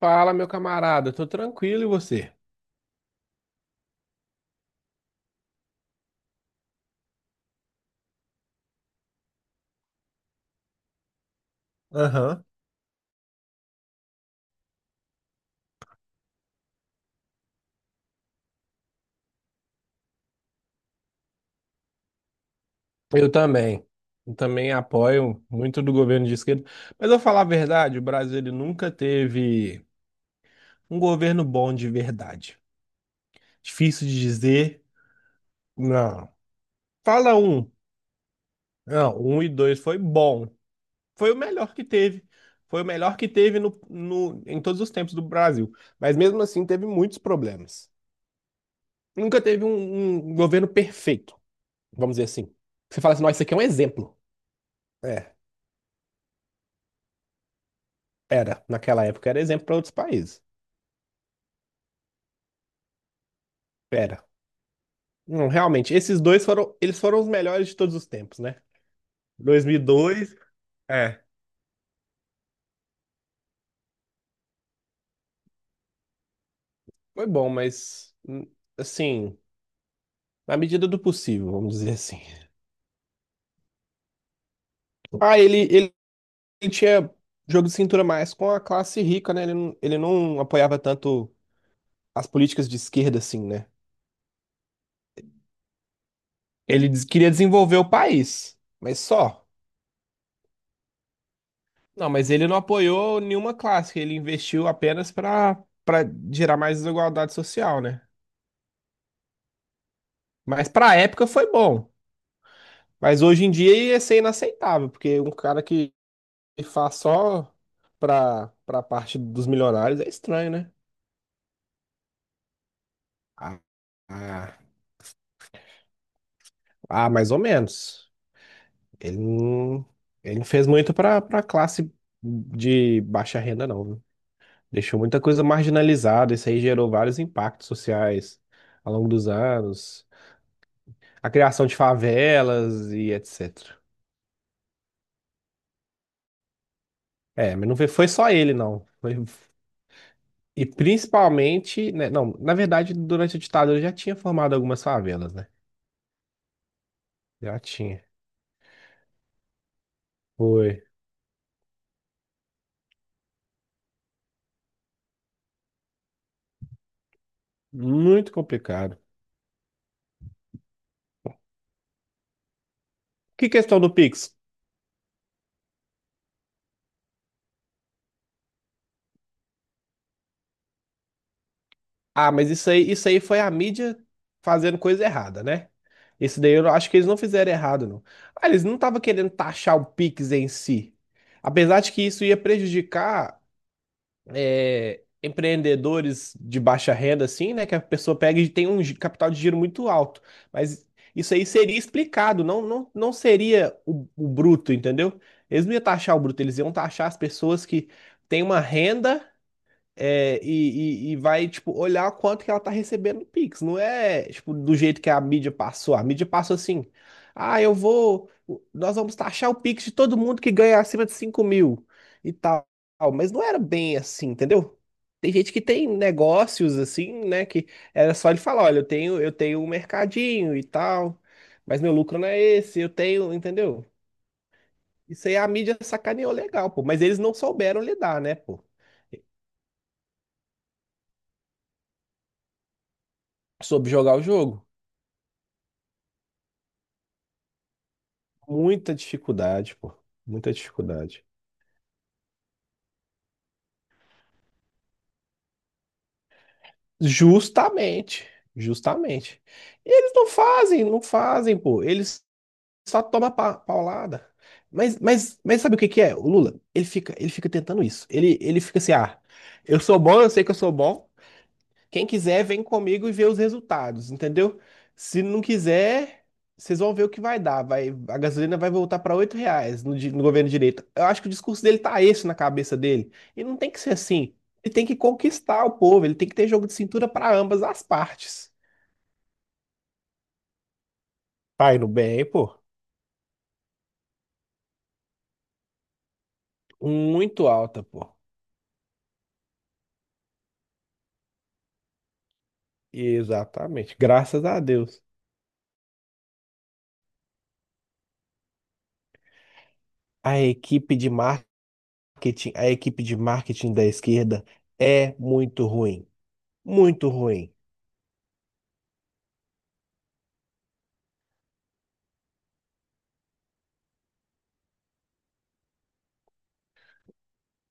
Fala, meu camarada, tô tranquilo e você? Aham. Eu também. Eu também apoio muito do governo de esquerda. Mas eu falar a verdade, o Brasil ele nunca teve um governo bom de verdade. Difícil de dizer, não. Fala um. Não, um e dois foi bom. Foi o melhor que teve. Foi o melhor que teve no, no, em todos os tempos do Brasil. Mas mesmo assim teve muitos problemas. Nunca teve um governo perfeito, vamos dizer assim. Você fala assim, nossa, isso aqui é um exemplo. É. Era, naquela época era exemplo para outros países. Era. Não, realmente, esses dois foram, eles foram os melhores de todos os tempos, né? 2002 é, foi bom, mas assim, na medida do possível, vamos dizer assim. Ah, ele tinha jogo de cintura mais com a classe rica, né? Ele não apoiava tanto as políticas de esquerda, assim, né? Ele queria desenvolver o país, mas só. Não, mas ele não apoiou nenhuma classe, ele investiu apenas para para gerar mais desigualdade social, né? Mas pra época foi bom. Mas hoje em dia ia ser inaceitável, porque um cara que faz só pra, pra parte dos milionários é estranho, né? Ah, ah, ah, mais ou menos. Ele não, ele não fez muito pra classe de baixa renda, não, viu? Deixou muita coisa marginalizada. Isso aí gerou vários impactos sociais ao longo dos anos. A criação de favelas e etc. É, mas não foi só ele, não. Foi E principalmente, né, não, na verdade, durante a ditadura já tinha formado algumas favelas, né? Já tinha. Foi muito complicado. Que questão do Pix? Ah, mas isso aí foi a mídia fazendo coisa errada, né? Isso daí eu não- acho que eles não fizeram errado, não. Ah, eles não estavam querendo taxar o Pix em si. Apesar de que isso ia prejudicar empreendedores de baixa renda, assim, né? Que a pessoa pega e tem um capital de giro muito alto. Mas isso aí seria explicado, não, seria o bruto, entendeu? Eles não iam taxar o bruto, eles iam taxar as pessoas que têm uma renda e vai, tipo, olhar quanto que ela tá recebendo no Pix. Não é, tipo, do jeito que a mídia passou. A mídia passou assim, ah, nós vamos taxar o Pix de todo mundo que ganha acima de 5.000 e tal. Mas não era bem assim, entendeu? Tem gente que tem negócios assim, né, que era só ele falar, olha, eu tenho um mercadinho e tal, mas meu lucro não é esse, eu tenho, entendeu? Isso aí a mídia sacaneou legal, pô, mas eles não souberam lidar, né, pô? Soube jogar o jogo. Muita dificuldade, pô. Muita dificuldade. Justamente. Justamente. E eles não fazem, não fazem, pô. Eles só tomam paulada. Mas, sabe o que que é? O Lula, ele fica tentando isso. Ele fica assim, ah, eu sou bom, eu sei que eu sou bom. Quem quiser, vem comigo e vê os resultados, entendeu? Se não quiser, vocês vão ver o que vai dar. Vai, a gasolina vai voltar para R$ 8 no governo de direita. Eu acho que o discurso dele tá esse na cabeça dele. E não tem que ser assim. Ele tem que conquistar o povo, ele tem que ter jogo de cintura para ambas as partes. Tá indo bem, pô. Muito alta, pô. Exatamente, graças a Deus. A equipe de marketing, a equipe de marketing da esquerda é muito ruim. Muito ruim.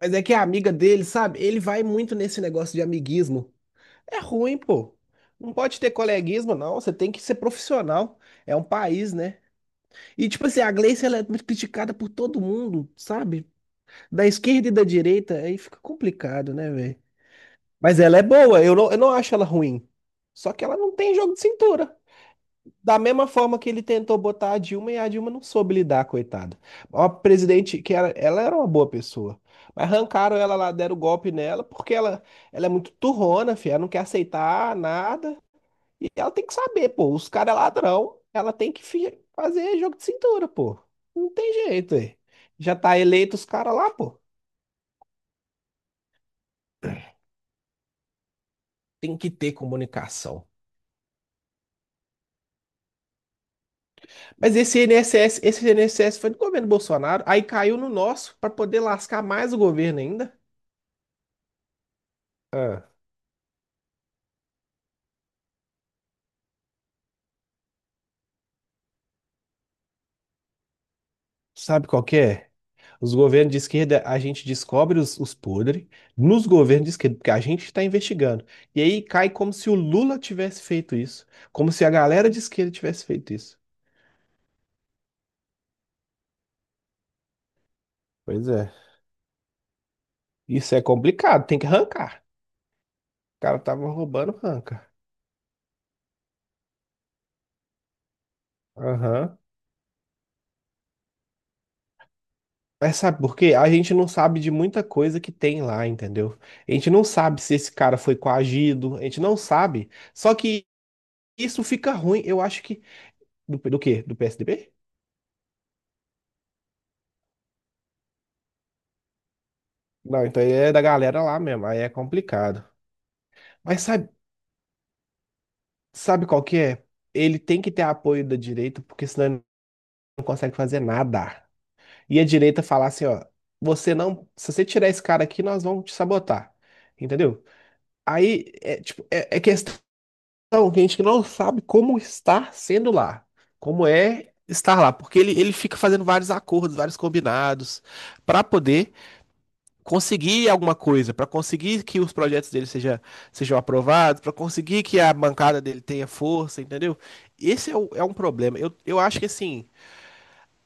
Mas é que a amiga dele, sabe? Ele vai muito nesse negócio de amiguismo. É ruim, pô. Não pode ter coleguismo, não. Você tem que ser profissional. É um país, né? E, tipo assim, a Gleice, ela é muito criticada por todo mundo, sabe? Da esquerda e da direita, aí fica complicado, né, velho? Mas ela é boa. Eu não acho ela ruim. Só que ela não tem jogo de cintura. Da mesma forma que ele tentou botar a Dilma e a Dilma não soube lidar, coitada. Uma presidente que era, ela era uma boa pessoa. Mas arrancaram ela lá, deram golpe nela, porque ela é muito turrona, filha, ela não quer aceitar nada. E ela tem que saber, pô, os caras é ladrão, ela tem que fazer jogo de cintura, pô. Não tem jeito, aí. Já tá eleito os caras lá, pô. Tem que ter comunicação. Mas esse INSS foi do governo Bolsonaro, aí caiu no nosso para poder lascar mais o governo ainda. Ah. Sabe qual que é? Os governos de esquerda, a gente descobre os podres nos governos de esquerda, porque a gente está investigando. E aí cai como se o Lula tivesse feito isso, como se a galera de esquerda tivesse feito isso. Pois é. Isso é complicado, tem que arrancar. O cara tava roubando, arranca. Aham. Mas sabe por quê? A gente não sabe de muita coisa que tem lá, entendeu? A gente não sabe se esse cara foi coagido, a gente não sabe. Só que isso fica ruim, eu acho que. Do quê? Do PSDB? Não, então ele é da galera lá mesmo, aí é complicado. Mas sabe qual que é? Ele tem que ter apoio da direita, porque senão ele não consegue fazer nada. E a direita falar assim, ó, você não, se você tirar esse cara aqui, nós vamos te sabotar. Entendeu? Aí é tipo, é questão que a gente não sabe como estar sendo lá, como é estar lá, porque ele fica fazendo vários acordos, vários combinados, para poder conseguir alguma coisa, para conseguir que os projetos dele sejam aprovados, para conseguir que a bancada dele tenha força, entendeu? Esse é um problema. Eu acho que assim,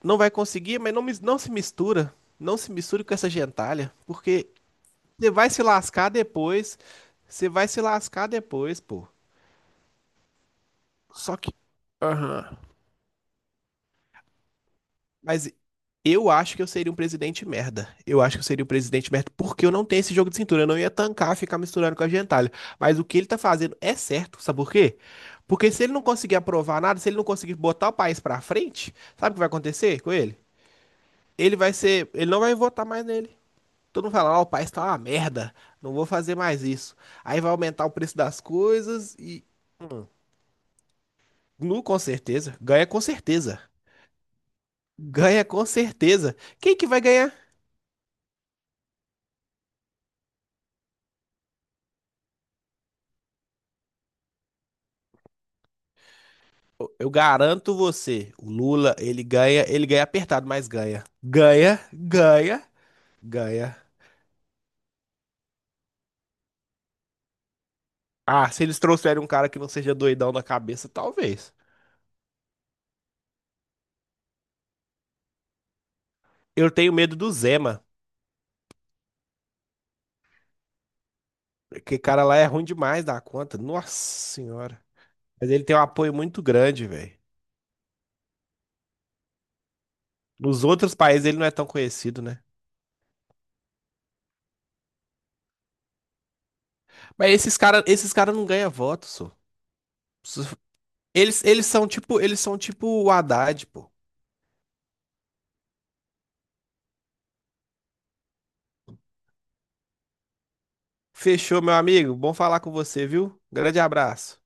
não vai conseguir, mas não, não se mistura. Não se misture com essa gentalha, porque você vai se lascar depois. Você vai se lascar depois, pô. Só que. Aham. Mas eu acho que eu seria um presidente merda. Eu acho que eu seria um presidente merda porque eu não tenho esse jogo de cintura. Eu não ia tancar ficar misturando com a gentalha. Mas o que ele tá fazendo é certo, sabe por quê? Porque se ele não conseguir aprovar nada, se ele não conseguir botar o país pra frente, sabe o que vai acontecer com ele? Ele não vai votar mais nele. Todo mundo fala, ó, o país tá uma merda, não vou fazer mais isso. Aí vai aumentar o preço das coisas e, com certeza, ganha com certeza. Ganha com certeza. Quem que vai ganhar? Eu garanto você, o Lula, ele ganha apertado, mas ganha. Ganha, ganha, ganha. Ah, se eles trouxerem um cara que não seja doidão na cabeça, talvez. Eu tenho medo do Zema, porque cara lá é ruim demais da conta. Nossa senhora. Mas ele tem um apoio muito grande, velho. Nos outros países ele não é tão conhecido, né? Mas esses caras, esses cara não ganham voto, só. Eles são tipo o Haddad, pô. Fechou, meu amigo. Bom falar com você, viu? Grande abraço.